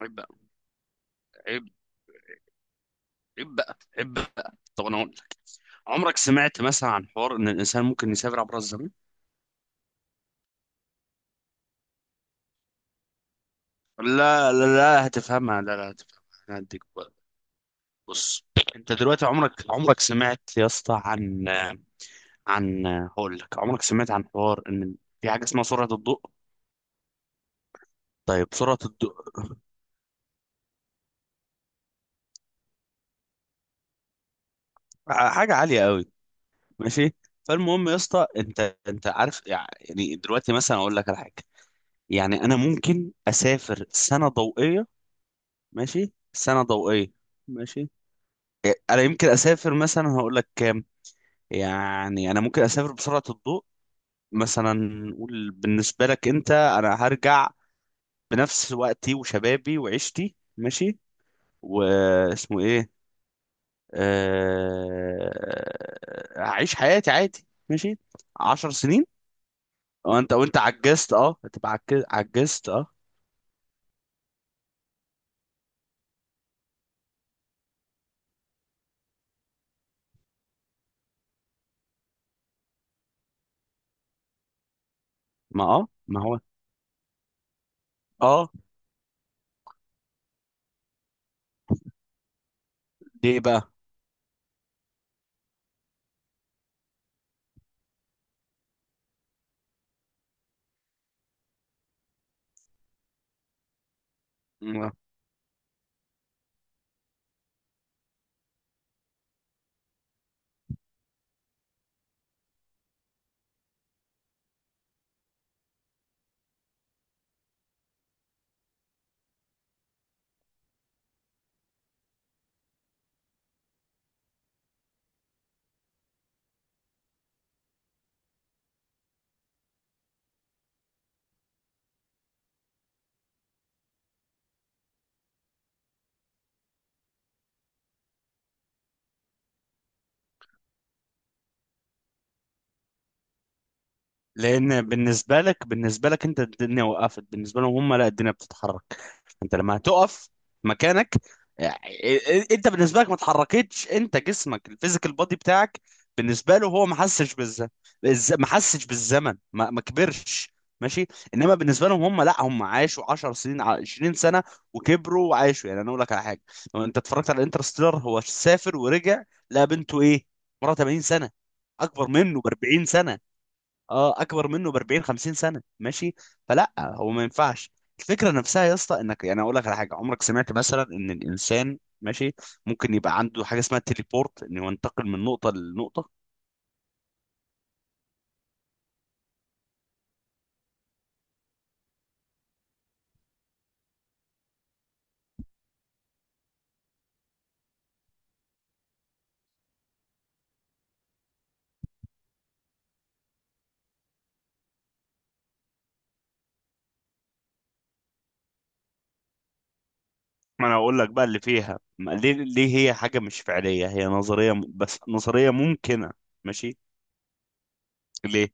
عيب بقى، عيب، عيب بقى، عيب بقى. طب انا اقول لك، عمرك سمعت مثلا عن حوار ان الانسان ممكن يسافر عبر الزمن؟ لا، لا، لا، هتفهمها، لا، لا، هتفهمها. انا هديك وقت. بص، انت دلوقتي عمرك سمعت يا اسطى، عن عن هقول لك، عمرك سمعت عن حوار ان في حاجه اسمها سرعه الضوء؟ طيب، سرعه الضوء حاجه عاليه قوي. ماشي. فالمهم يا اسطى، انت عارف يعني، دلوقتي مثلا اقول لك على حاجه، يعني انا ممكن اسافر سنه ضوئيه. ماشي، سنة ضوئية. ماشي. إيه، انا يمكن اسافر مثلا، هقول لك كام، يعني انا ممكن اسافر بسرعة الضوء. مثلا نقول بالنسبة لك انت، انا هرجع بنفس وقتي وشبابي وعيشتي، ماشي، واسمه ايه. هعيش حياتي عادي، ماشي، 10 سنين. وانت عجزت، هتبقى عجزت، اه. ما هو. اه، ليه بقى. لان بالنسبه لك انت، الدنيا وقفت. بالنسبه لهم هم، لا، الدنيا بتتحرك. انت لما هتقف مكانك، يعني، انت بالنسبه لك ما اتحركتش، انت جسمك، الفيزيكال بودي بتاعك، بالنسبه له هو، ما حسش بالزمن. ما حسش بالزمن، ما كبرش. ماشي. انما بالنسبه لهم هم، لا، هم عاشوا 10 سنين، 20 سنه، وكبروا وعاشوا. يعني انا اقول لك على حاجه، لو انت اتفرجت على انترستيلر، هو سافر ورجع، لقى بنته ايه، مرة 80 سنه. اكبر منه ب 40 سنه. اه، اكبر منه ب 40 50 سنه، ماشي. فلا هو ما ينفعش. الفكره نفسها يا اسطى، انك يعني، اقول لك على حاجه، عمرك سمعت مثلا ان الانسان ماشي، ممكن يبقى عنده حاجه اسمها تليبورت، انه ينتقل من نقطه لنقطه؟ ما انا اقول لك بقى اللي فيها، ليه هي حاجه مش فعليه، هي نظريه، بس نظريه ممكنه. ماشي. ليه؟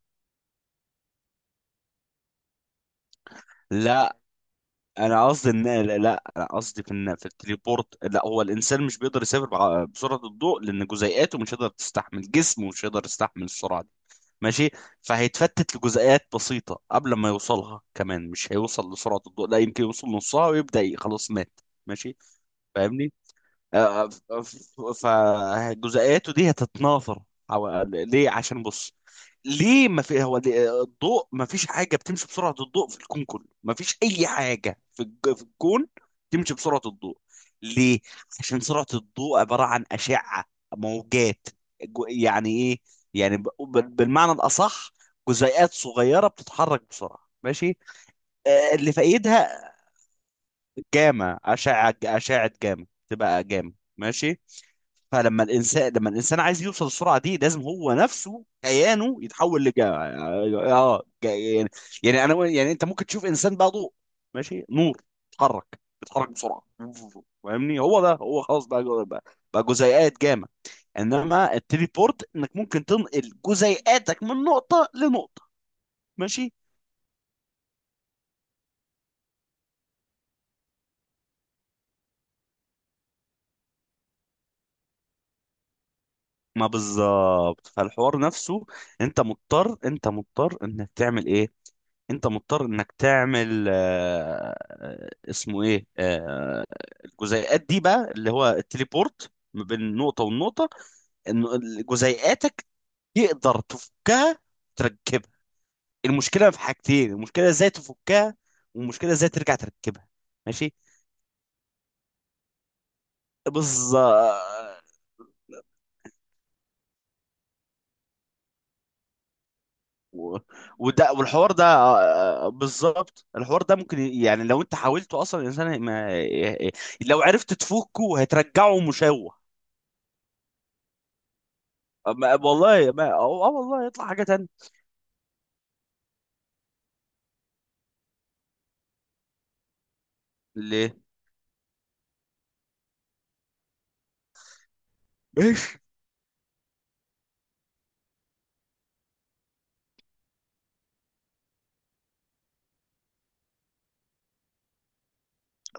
لا، انا قصدي ان، لا، لا، انا قصدي في، ان في التليبورت، لا، هو الانسان مش بيقدر يسافر بسرعه الضوء، لان جزيئاته مش هيقدر تستحمل، جسمه مش هيقدر يستحمل السرعه دي. ماشي. فهيتفتت لجزيئات بسيطه قبل ما يوصلها، كمان مش هيوصل لسرعه الضوء، لا يمكن يوصل نصها ويبدا خلاص مات. ماشي. فاهمني؟ فجزئياته دي هتتناثر. حو- ليه؟ عشان بص، ليه ما في، هو الضوء ما فيش حاجه بتمشي بسرعه الضوء في الكون كله. ما فيش اي حاجه في في الكون تمشي بسرعه الضوء. ليه؟ عشان سرعه الضوء عباره عن اشعه، موجات، يعني ايه، يعني بالمعنى الاصح، جزيئات صغيره بتتحرك بسرعه. ماشي. اللي فايدها جاما، اشعه جاما، تبقى جاما. ماشي. فلما الانسان لما الانسان عايز يوصل للسرعه دي، لازم هو نفسه، كيانه، يتحول يعني، يعني انا يعني، انت ممكن تشوف انسان بقى ضوء، ماشي، نور، بيتحرك بسرعه. فاهمني؟ هو ده، هو خلاص بقى، بقى جزيئات جامع. انما التليبورت، انك ممكن تنقل جزيئاتك من نقطه لنقطه، ماشي. ما بالظبط، فالحوار نفسه. انت مضطر انك تعمل ايه. انت مضطر انك تعمل، اسمه ايه، الجزيئات دي بقى، اللي هو التليبورت ما بين نقطة والنقطة، ان جزيئاتك تقدر تفكها، تركبها. المشكلة في حاجتين، المشكلة ازاي تفكها، والمشكلة ازاي ترجع تركبها. ماشي، بالظبط. و- والحوار ده، بالظبط، الحوار ده ممكن يعني، لو انت حاولته اصلا، الانسان ما لو عرفت تفكه هترجعه مشوه. ما والله ما، والله يطلع حاجة تانية. ليه؟ ماشي.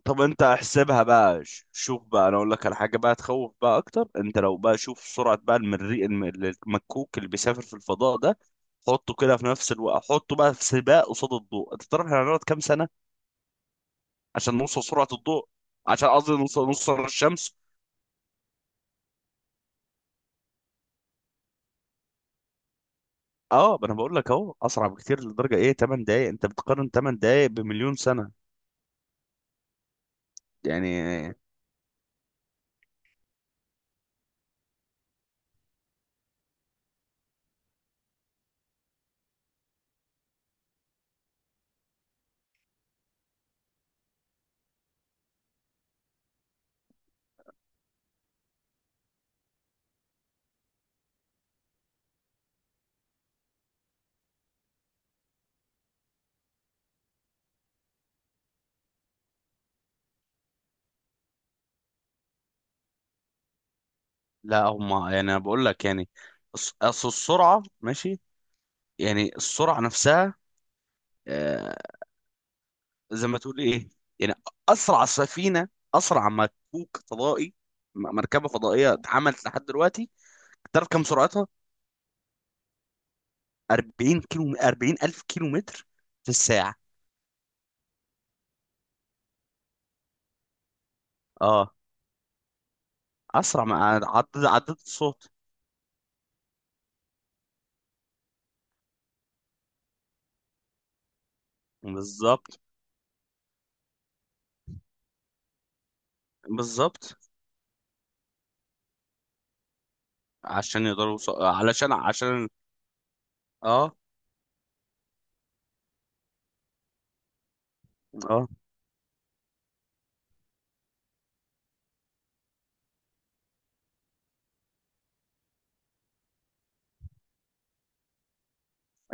طب انت احسبها بقى، شوف بقى، انا اقول لك على حاجة بقى تخوف بقى اكتر. انت لو بقى، شوف سرعة بقى المريء، المكوك اللي بيسافر في الفضاء ده، حطه كده في نفس الوقت، حطه بقى في سباق قصاد الضوء. انت تعرف احنا هنقعد كام سنة عشان نوصل سرعة الضوء؟ عشان قصدي نوصل، الشمس. اه، ما انا بقول لك اهو اسرع بكتير لدرجة ايه؟ 8 دقايق. انت بتقارن 8 دقايق بمليون سنة. يعني لا هم، يعني، انا بقول لك، يعني اصل السرعه، ماشي، يعني السرعه نفسها، آه، زي ما تقول ايه، يعني، اسرع سفينه، اسرع مكوك فضائي، مركبه فضائيه اتعملت لحد دلوقتي، تعرف كم سرعتها؟ 40 كيلو، 40 الف كيلو متر في الساعه. اه، اسرع ما عدد الصوت. بالظبط. بالظبط، عشان يقدروا يوص- علشان عشان اه، اه،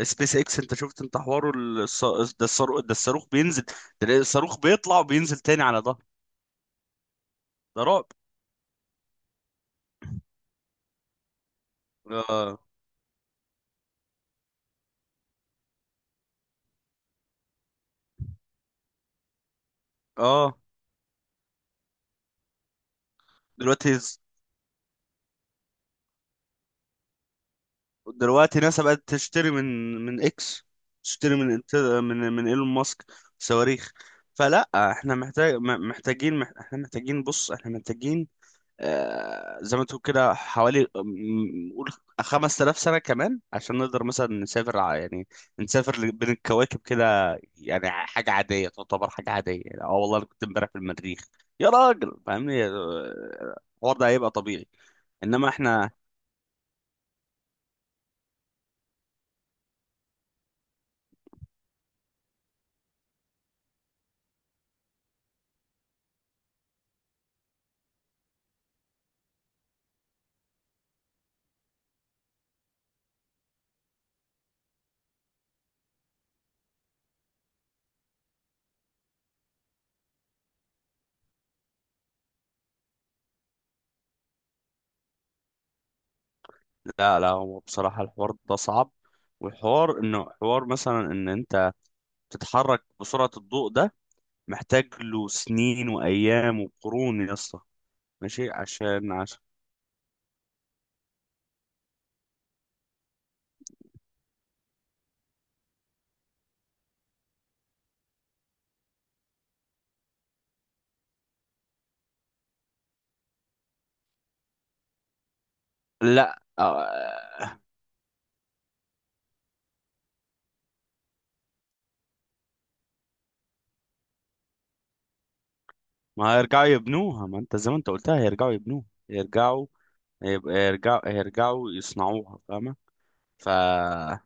سبيس اكس. انت شفت انت حواره، ده الصاروخ، ده الصاروخ بينزل، تلاقي الصاروخ بيطلع وبينزل تاني على ظهره. ده رعب. اه، اه، دلوقتي دلوقتي ناسا بقت تشتري من اكس. تشتري من انت- من من ايلون ماسك صواريخ. فلا احنا محتاجين، احنا محتاجين، بص احنا محتاجين، زي ما تقول كده، حوالي، قول 5000 سنة كمان، عشان نقدر مثلا نسافر، يعني نسافر بين الكواكب كده. يعني حاجة عادية، تعتبر حاجة عادية، يعني، اه والله أنا كنت امبارح في المريخ يا راجل. فاهمني؟ الحوار ده هيبقى طبيعي. انما احنا، لا، لا، هو بصراحة الحوار ده صعب. والحوار انه حوار مثلا ان انت تتحرك بسرعة الضوء ده، محتاج له سنين وايام وقرون يا اسطى. ماشي، عشان عشان لا، آه. ما هيرجعوا يبنوها. ما انت زي ما انت قلتها، هيرجعوا يبنوها، هيرجعوا، هيرجعوا يصنعوها. فاهمة؟ فأنا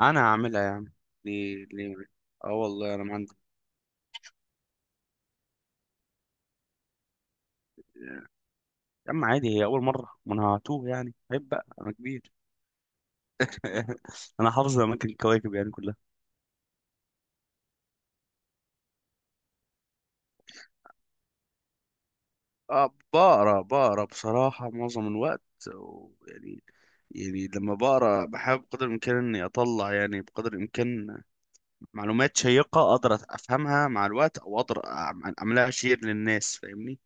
هعملها يعني. ليه؟ ليه؟ اه، والله انا ما عندي. يا عم عادي، هي اول مرة، ما انا هتوه يعني، عيب بقى، انا كبير. انا حافظ اماكن الكواكب يعني كلها. اه، بقرا، بقرا بصراحة معظم الوقت، ويعني، لما بقرا، بحاول بقدر الامكان اني اطلع يعني بقدر الامكان معلومات شيقة أقدر أفهمها مع الوقت، أو أقدر أعملها شير للناس. فاهمني؟